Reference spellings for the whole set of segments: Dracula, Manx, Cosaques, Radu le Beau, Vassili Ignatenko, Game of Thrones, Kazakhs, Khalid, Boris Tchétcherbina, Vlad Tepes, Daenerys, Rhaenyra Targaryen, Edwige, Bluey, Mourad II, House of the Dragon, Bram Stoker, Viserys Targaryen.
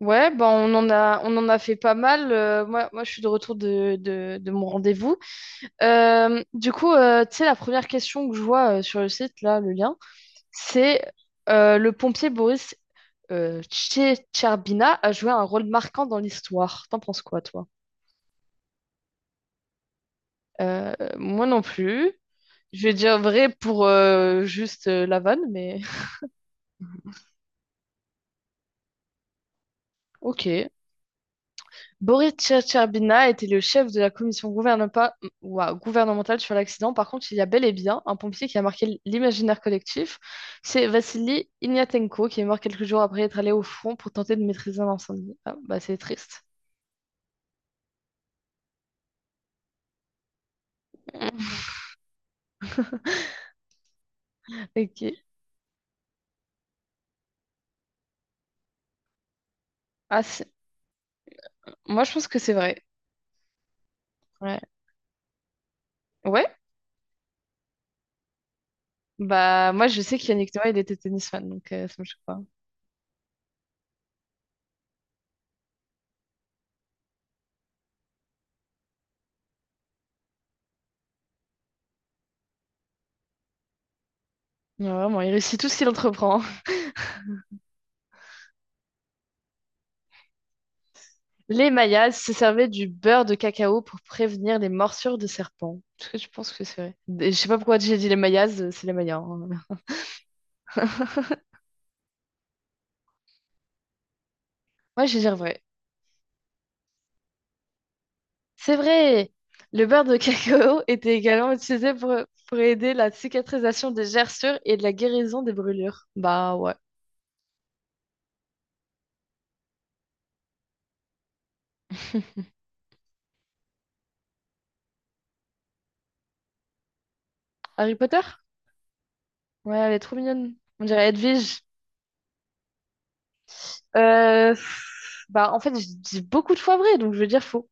Ouais, bah on en a fait pas mal. Moi, je suis de retour de mon rendez-vous. Du coup, tu sais, la première question que je vois sur le site, là, le lien, c'est le pompier Boris Tchétcherbina a joué un rôle marquant dans l'histoire. T'en penses quoi, toi? Moi non plus. Je vais dire vrai pour juste la vanne, mais ok. Boris Tchertcherbina était le chef de la commission gouvernementale sur l'accident. Par contre, il y a bel et bien un pompier qui a marqué l'imaginaire collectif. C'est Vassili Ignatenko, qui est mort quelques jours après être allé au front pour tenter de maîtriser un incendie. Ah, bah c'est triste. Ok. Ah, moi, je pense que c'est vrai. Ouais. Ouais? Bah, moi, je sais qu'Yannick Noah, il était tennisman, donc ça me choque pas. Ouais, vraiment, il réussit tout ce qu'il entreprend. Les Mayas se servaient du beurre de cacao pour prévenir les morsures de serpents. Est-ce que tu penses que c'est vrai? Je sais pas pourquoi j'ai dit les Mayas, c'est les Mayas, hein. Ouais, je vais dire vrai. C'est vrai! Le beurre de cacao était également utilisé pour aider la cicatrisation des gerçures et de la guérison des brûlures. Bah ouais. Harry Potter? Ouais, elle est trop mignonne. On dirait Edwige. Pff, bah en fait, je dis beaucoup de fois vrai, donc je vais dire faux.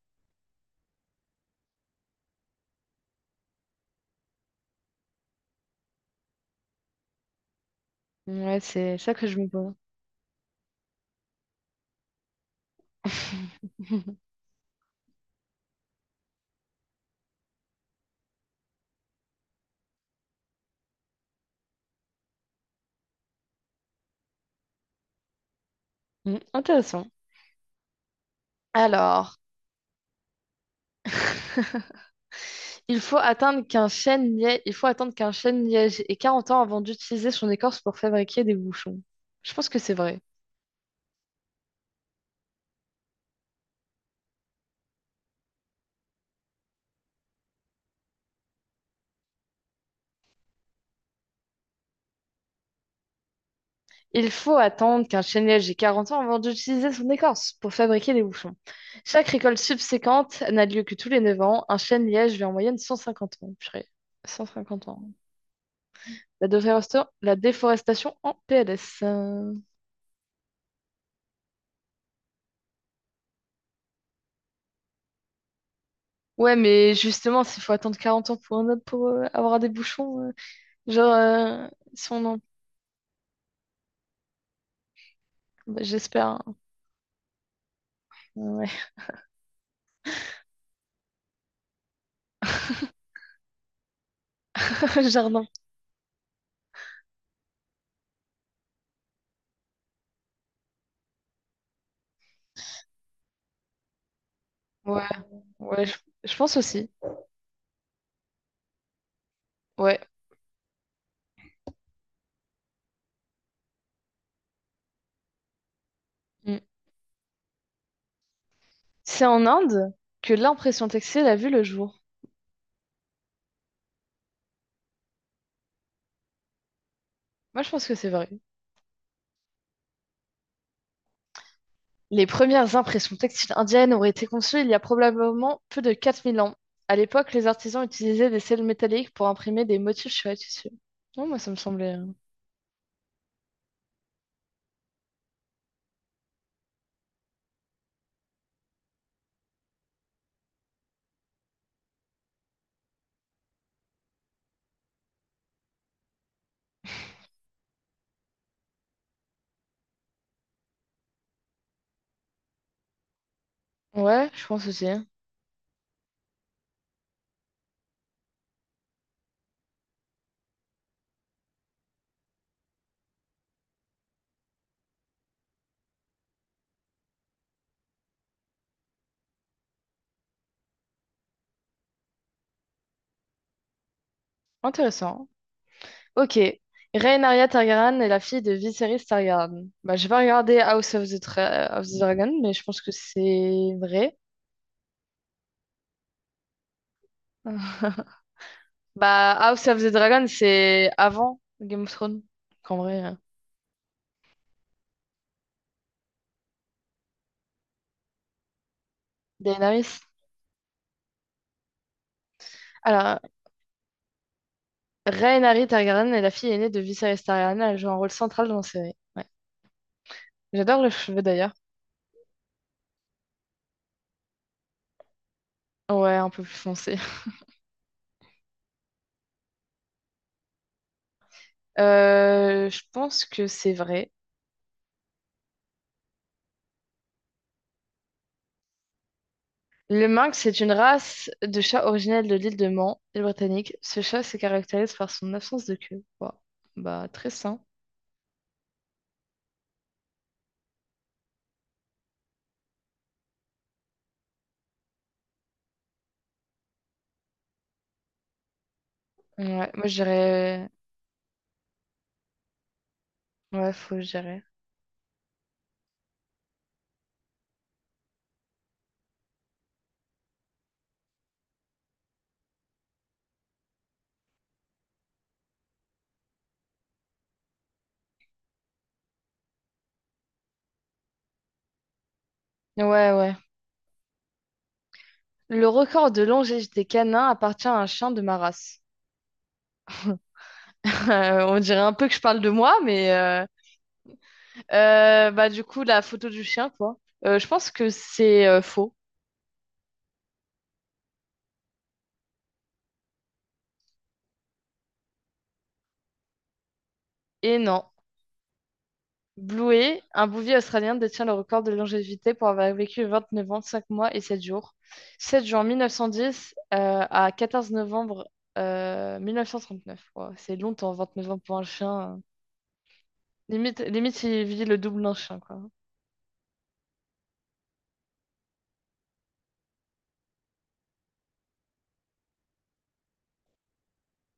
Ouais, c'est ça que je me pose. Intéressant. Alors. Il faut attendre qu'un chêne liège ait 40 ans avant d'utiliser son écorce pour fabriquer des bouchons. Je pense que c'est vrai. Il faut attendre qu'un chêne liège ait 40 ans avant d'utiliser son écorce pour fabriquer des bouchons. Chaque récolte subséquente n'a lieu que tous les 9 ans. Un chêne liège vit en moyenne 150 ans. Purée. 150 ans. La déforestation en PLS. Ouais, mais justement, s'il faut attendre 40 ans pour, un- pour avoir des bouchons, genre, si on en... Bah, j'espère, hein. Ouais. Le Jardin. Ouais, ouais, je pense aussi. Ouais. Mm. C'est en Inde que l'impression textile a vu le jour. Moi, je pense que c'est vrai. Les premières impressions textiles indiennes auraient été conçues il y a probablement plus de 4 000 ans. À l'époque, les artisans utilisaient des sels métalliques pour imprimer des motifs sur les tissus. Non, moi, ça me semblait. Ouais, je pense aussi. Intéressant. Ok. Rhaenyra Targaryen est la fille de Viserys Targaryen. Bah, j'ai pas regardé House of the Dragon, mais je pense que c'est vrai. Bah, House of the Dragon, c'est avant Game of Thrones, qu'en vrai, Daenerys. Alors, Rhaenyra Targaryen est la fille aînée de Viserys Targaryen. Elle joue un rôle central dans la série. Ouais. J'adore le cheveux d'ailleurs. Ouais, un peu plus foncé. Je pense que c'est vrai. Le Manx c'est une race de chat originelle de l'île de Man, île britannique. Ce chat se caractérise par son absence de queue. Wow. Bah, très sain. Ouais, moi je dirais. Ouais, faut que... Ouais, ouais. Le record de longévité des canins appartient à un chien de ma race. On dirait un peu que je parle de moi, mais bah du coup la photo du chien, quoi. Je pense que c'est faux. Et non. Bluey, un bouvier australien, détient le record de longévité pour avoir vécu 29 ans, 5 mois et 7 jours. 7 juin 1910, à 14 novembre, 1939. Ouais, c'est longtemps, 29 ans pour un chien. Limite, limite il vit le double d'un chien, quoi.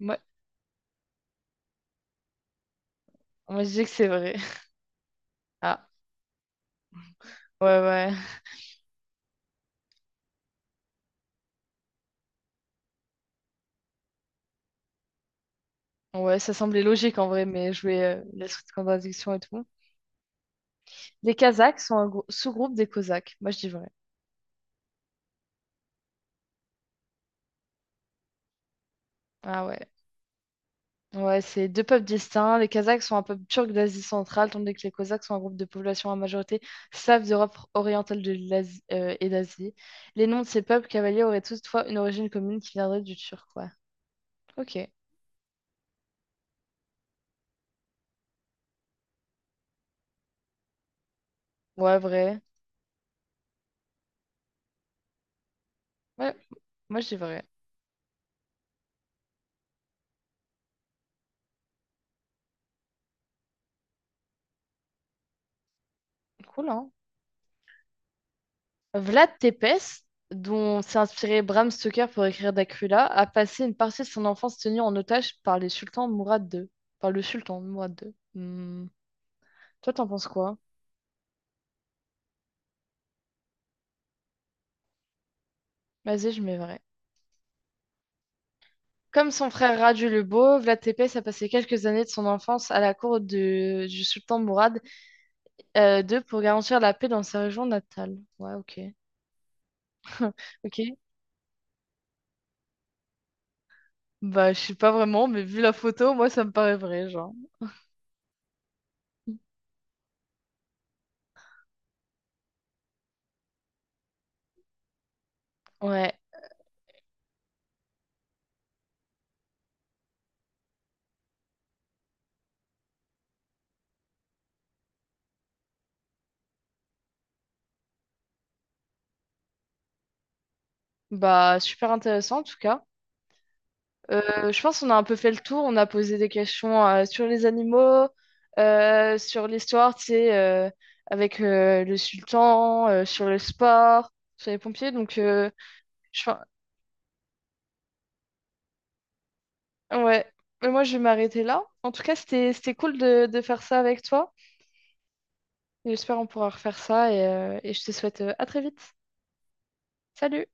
Ouais, on m'a dit que c'est vrai. Ah, ouais, ouais. Ouais, ça semblait logique en vrai, mais je vais la suite de contradiction et tout. Les Kazakhs sont un sous-groupe des Cosaques. Moi, je dis vrai. Ah ouais. Ouais, c'est deux peuples distincts. Les Kazakhs sont un peuple turc d'Asie centrale, tandis que les Cosaques sont un groupe de population à majorité slave d'Europe orientale et d'Asie. Les noms de ces peuples cavaliers auraient toutefois une origine commune qui viendrait du turc, ouais. Ok. Ouais, vrai. Ouais, moi, je dis vrai. Cool, hein? Vlad Tepes, dont s'est inspiré Bram Stoker pour écrire Dracula, a passé une partie de son enfance tenue en otage par les sultans Mourad II. Par le sultan Mourad II. Hmm. Toi, t'en penses quoi? Vas-y, je mets vrai. Comme son frère Radu le Beau, Vlad Tepes a passé quelques années de son enfance à la cour du sultan Mourad II pour garantir la paix dans sa région natale. Ouais, ok. Ok. Bah, je sais pas vraiment, mais vu la photo, moi, ça me paraît vrai, genre. Ouais. Bah, super intéressant en tout cas. Je pense qu'on a un peu fait le tour. On a posé des questions sur les animaux, sur l'histoire, tu sais, avec le sultan, sur le sport, sur les pompiers. Donc, je... fin- ouais. Mais moi, je vais m'arrêter là. En tout cas, c'était cool de faire ça avec toi. J'espère qu'on pourra refaire ça et je te souhaite à très vite. Salut!